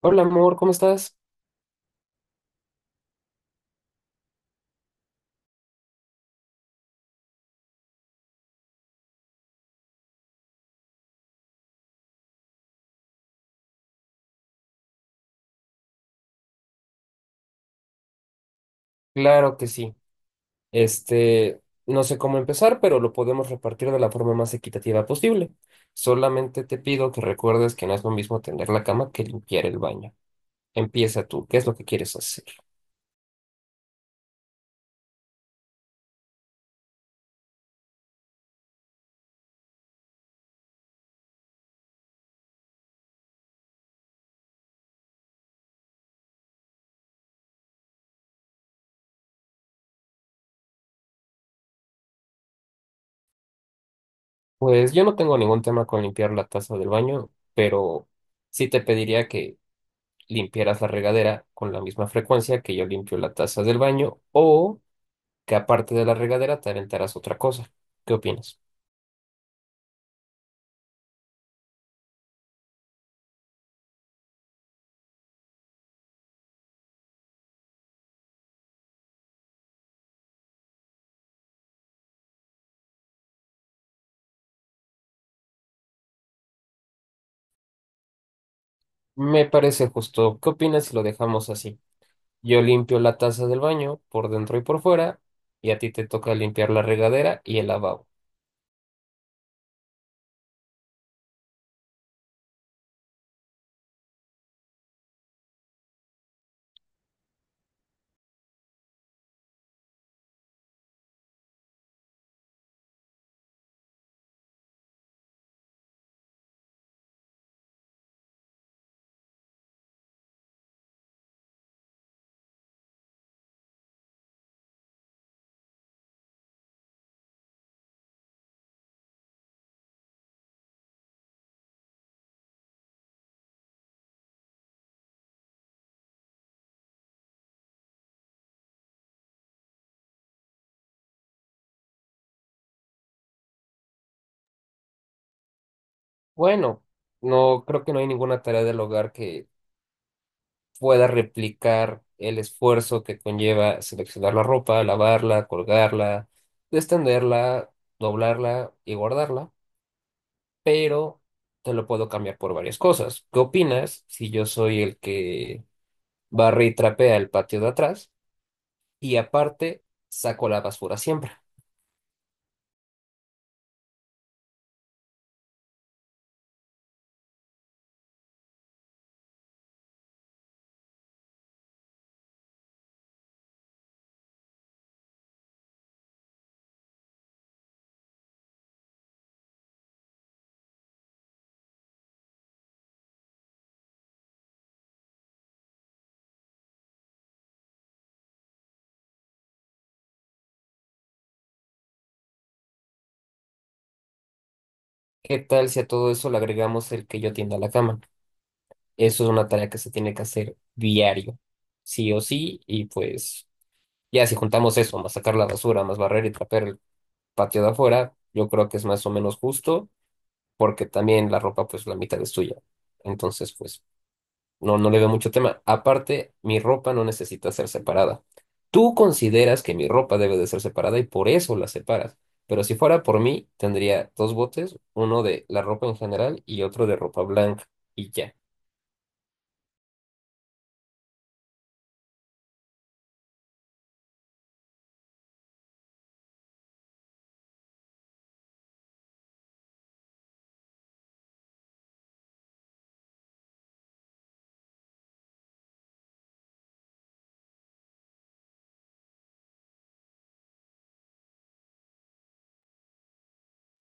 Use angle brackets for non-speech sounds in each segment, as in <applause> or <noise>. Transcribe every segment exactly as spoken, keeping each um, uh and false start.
Hola amor, ¿cómo estás? Claro que sí. Este, no sé cómo empezar, pero lo podemos repartir de la forma más equitativa posible. Solamente te pido que recuerdes que no es lo mismo tender la cama que limpiar el baño. Empieza tú, ¿qué es lo que quieres hacer? Pues yo no tengo ningún tema con limpiar la taza del baño, pero sí te pediría que limpiaras la regadera con la misma frecuencia que yo limpio la taza del baño o que aparte de la regadera te aventaras otra cosa. ¿Qué opinas? Me parece justo. ¿Qué opinas si lo dejamos así? Yo limpio la taza del baño por dentro y por fuera, y a ti te toca limpiar la regadera y el lavabo. Bueno, no creo que no hay ninguna tarea del hogar que pueda replicar el esfuerzo que conlleva seleccionar la ropa, lavarla, colgarla, extenderla, doblarla y guardarla, pero te lo puedo cambiar por varias cosas. ¿Qué opinas si yo soy el que barre y trapea el patio de atrás? Y aparte saco la basura siempre. ¿Qué tal si a todo eso le agregamos el que yo tienda la cama? Eso es una tarea que se tiene que hacer diario, sí o sí, y pues ya si juntamos eso, más sacar la basura, más barrer y trapear el patio de afuera, yo creo que es más o menos justo, porque también la ropa pues la mitad es tuya. Entonces pues no, no le veo mucho tema. Aparte, mi ropa no necesita ser separada. Tú consideras que mi ropa debe de ser separada y por eso la separas. Pero si fuera por mí, tendría dos botes, uno de la ropa en general y otro de ropa blanca y ya.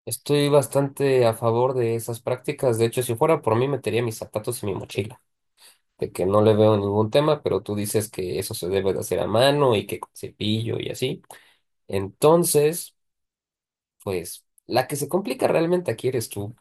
Estoy bastante a favor de esas prácticas. De hecho, si fuera por mí, metería mis zapatos y mi mochila. De que no le veo ningún tema, pero tú dices que eso se debe de hacer a mano y que con cepillo y así. Entonces, pues, la que se complica realmente aquí eres tú.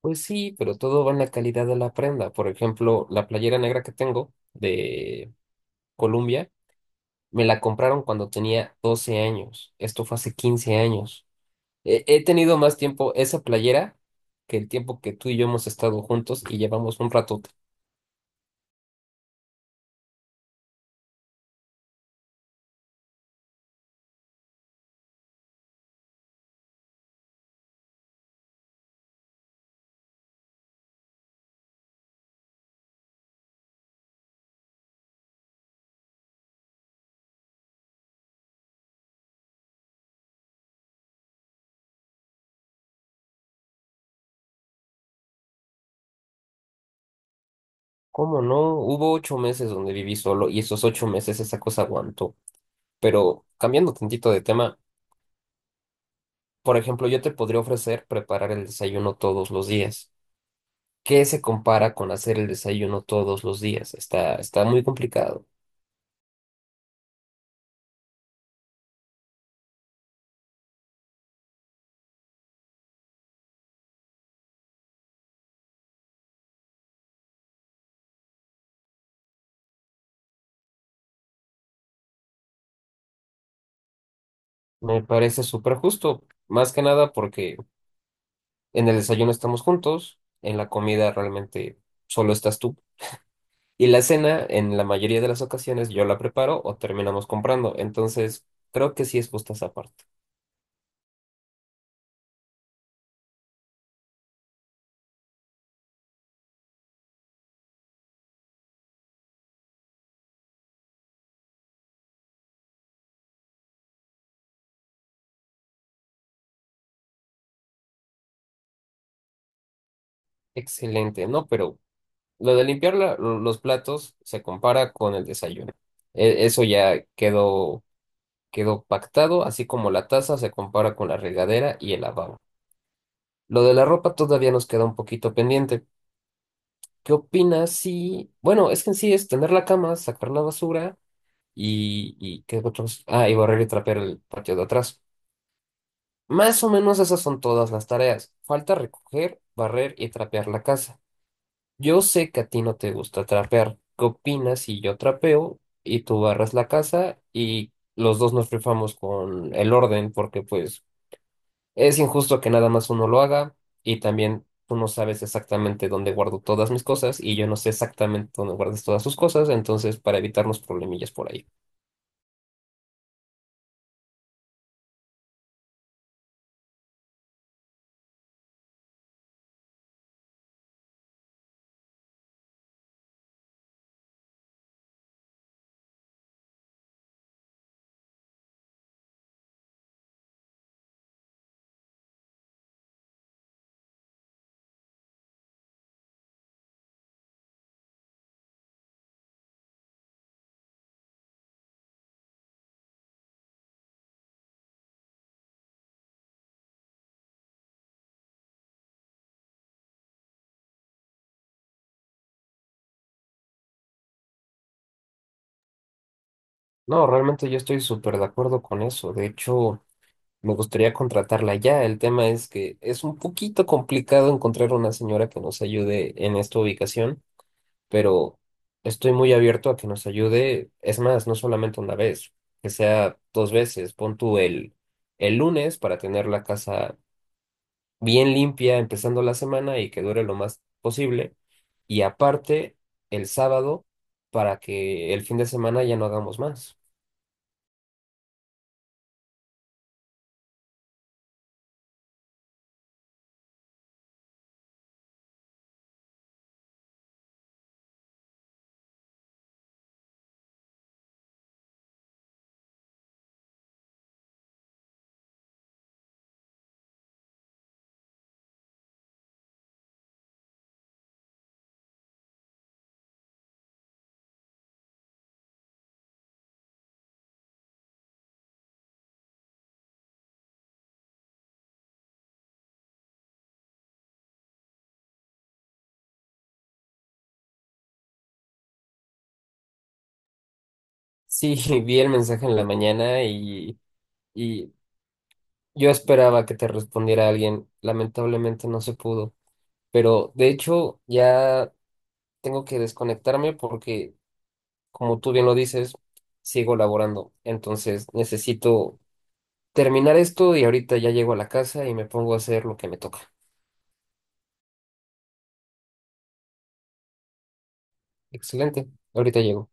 Pues sí, pero todo va en la calidad de la prenda. Por ejemplo, la playera negra que tengo de Colombia, me la compraron cuando tenía doce años. Esto fue hace quince años. He, he tenido más tiempo esa playera que el tiempo que tú y yo hemos estado juntos y llevamos un ratote. ¿Cómo no? Hubo ocho meses donde viví solo y esos ocho meses esa cosa aguantó. Pero cambiando tantito de tema, por ejemplo, yo te podría ofrecer preparar el desayuno todos los días. Que se compara con hacer el desayuno todos los días. Está, está muy complicado. Me parece súper justo, más que nada porque en el desayuno estamos juntos, en la comida realmente solo estás tú. Y la cena, en la mayoría de las ocasiones, yo la preparo o terminamos comprando. Entonces, creo que sí es justa esa parte. Excelente, ¿no? Pero lo de limpiar la- lo- los platos se compara con el desayuno. E- eso ya quedó, quedó pactado, así como la taza se compara con la regadera y el lavabo. Lo de la ropa todavía nos queda un poquito pendiente. ¿Qué opinas si... Bueno, es que en sí es tener la cama, sacar la basura y... y ¿qué otros? Ah, y barrer y trapear el patio de atrás. Más o menos esas son todas las tareas. Falta recoger, barrer y trapear la casa. Yo sé que a ti no te gusta trapear. ¿Qué opinas si yo trapeo y tú barras la casa y los dos nos rifamos con el orden? Porque pues es injusto que nada más uno lo haga y también tú no sabes exactamente dónde guardo todas mis cosas y yo no sé exactamente dónde guardas todas tus cosas, entonces para evitarnos problemillas por ahí. No, realmente yo estoy súper de acuerdo con eso. De hecho, me gustaría contratarla ya. El tema es que es un poquito complicado encontrar una señora que nos ayude en esta ubicación, pero estoy muy abierto a que nos ayude. Es más, no solamente una vez, que sea dos veces. Pon tú el el lunes para tener la casa bien limpia empezando la semana y que dure lo más posible. Y aparte, el sábado, para que el fin de semana ya no hagamos más. Sí, <laughs> vi el mensaje en la mañana y, y yo esperaba que te respondiera alguien. Lamentablemente no se pudo. Pero de hecho, ya tengo que desconectarme porque, como tú bien lo dices, sigo laborando. Entonces necesito terminar esto y ahorita ya llego a la casa y me pongo a hacer lo que me toca. Excelente. Ahorita llego.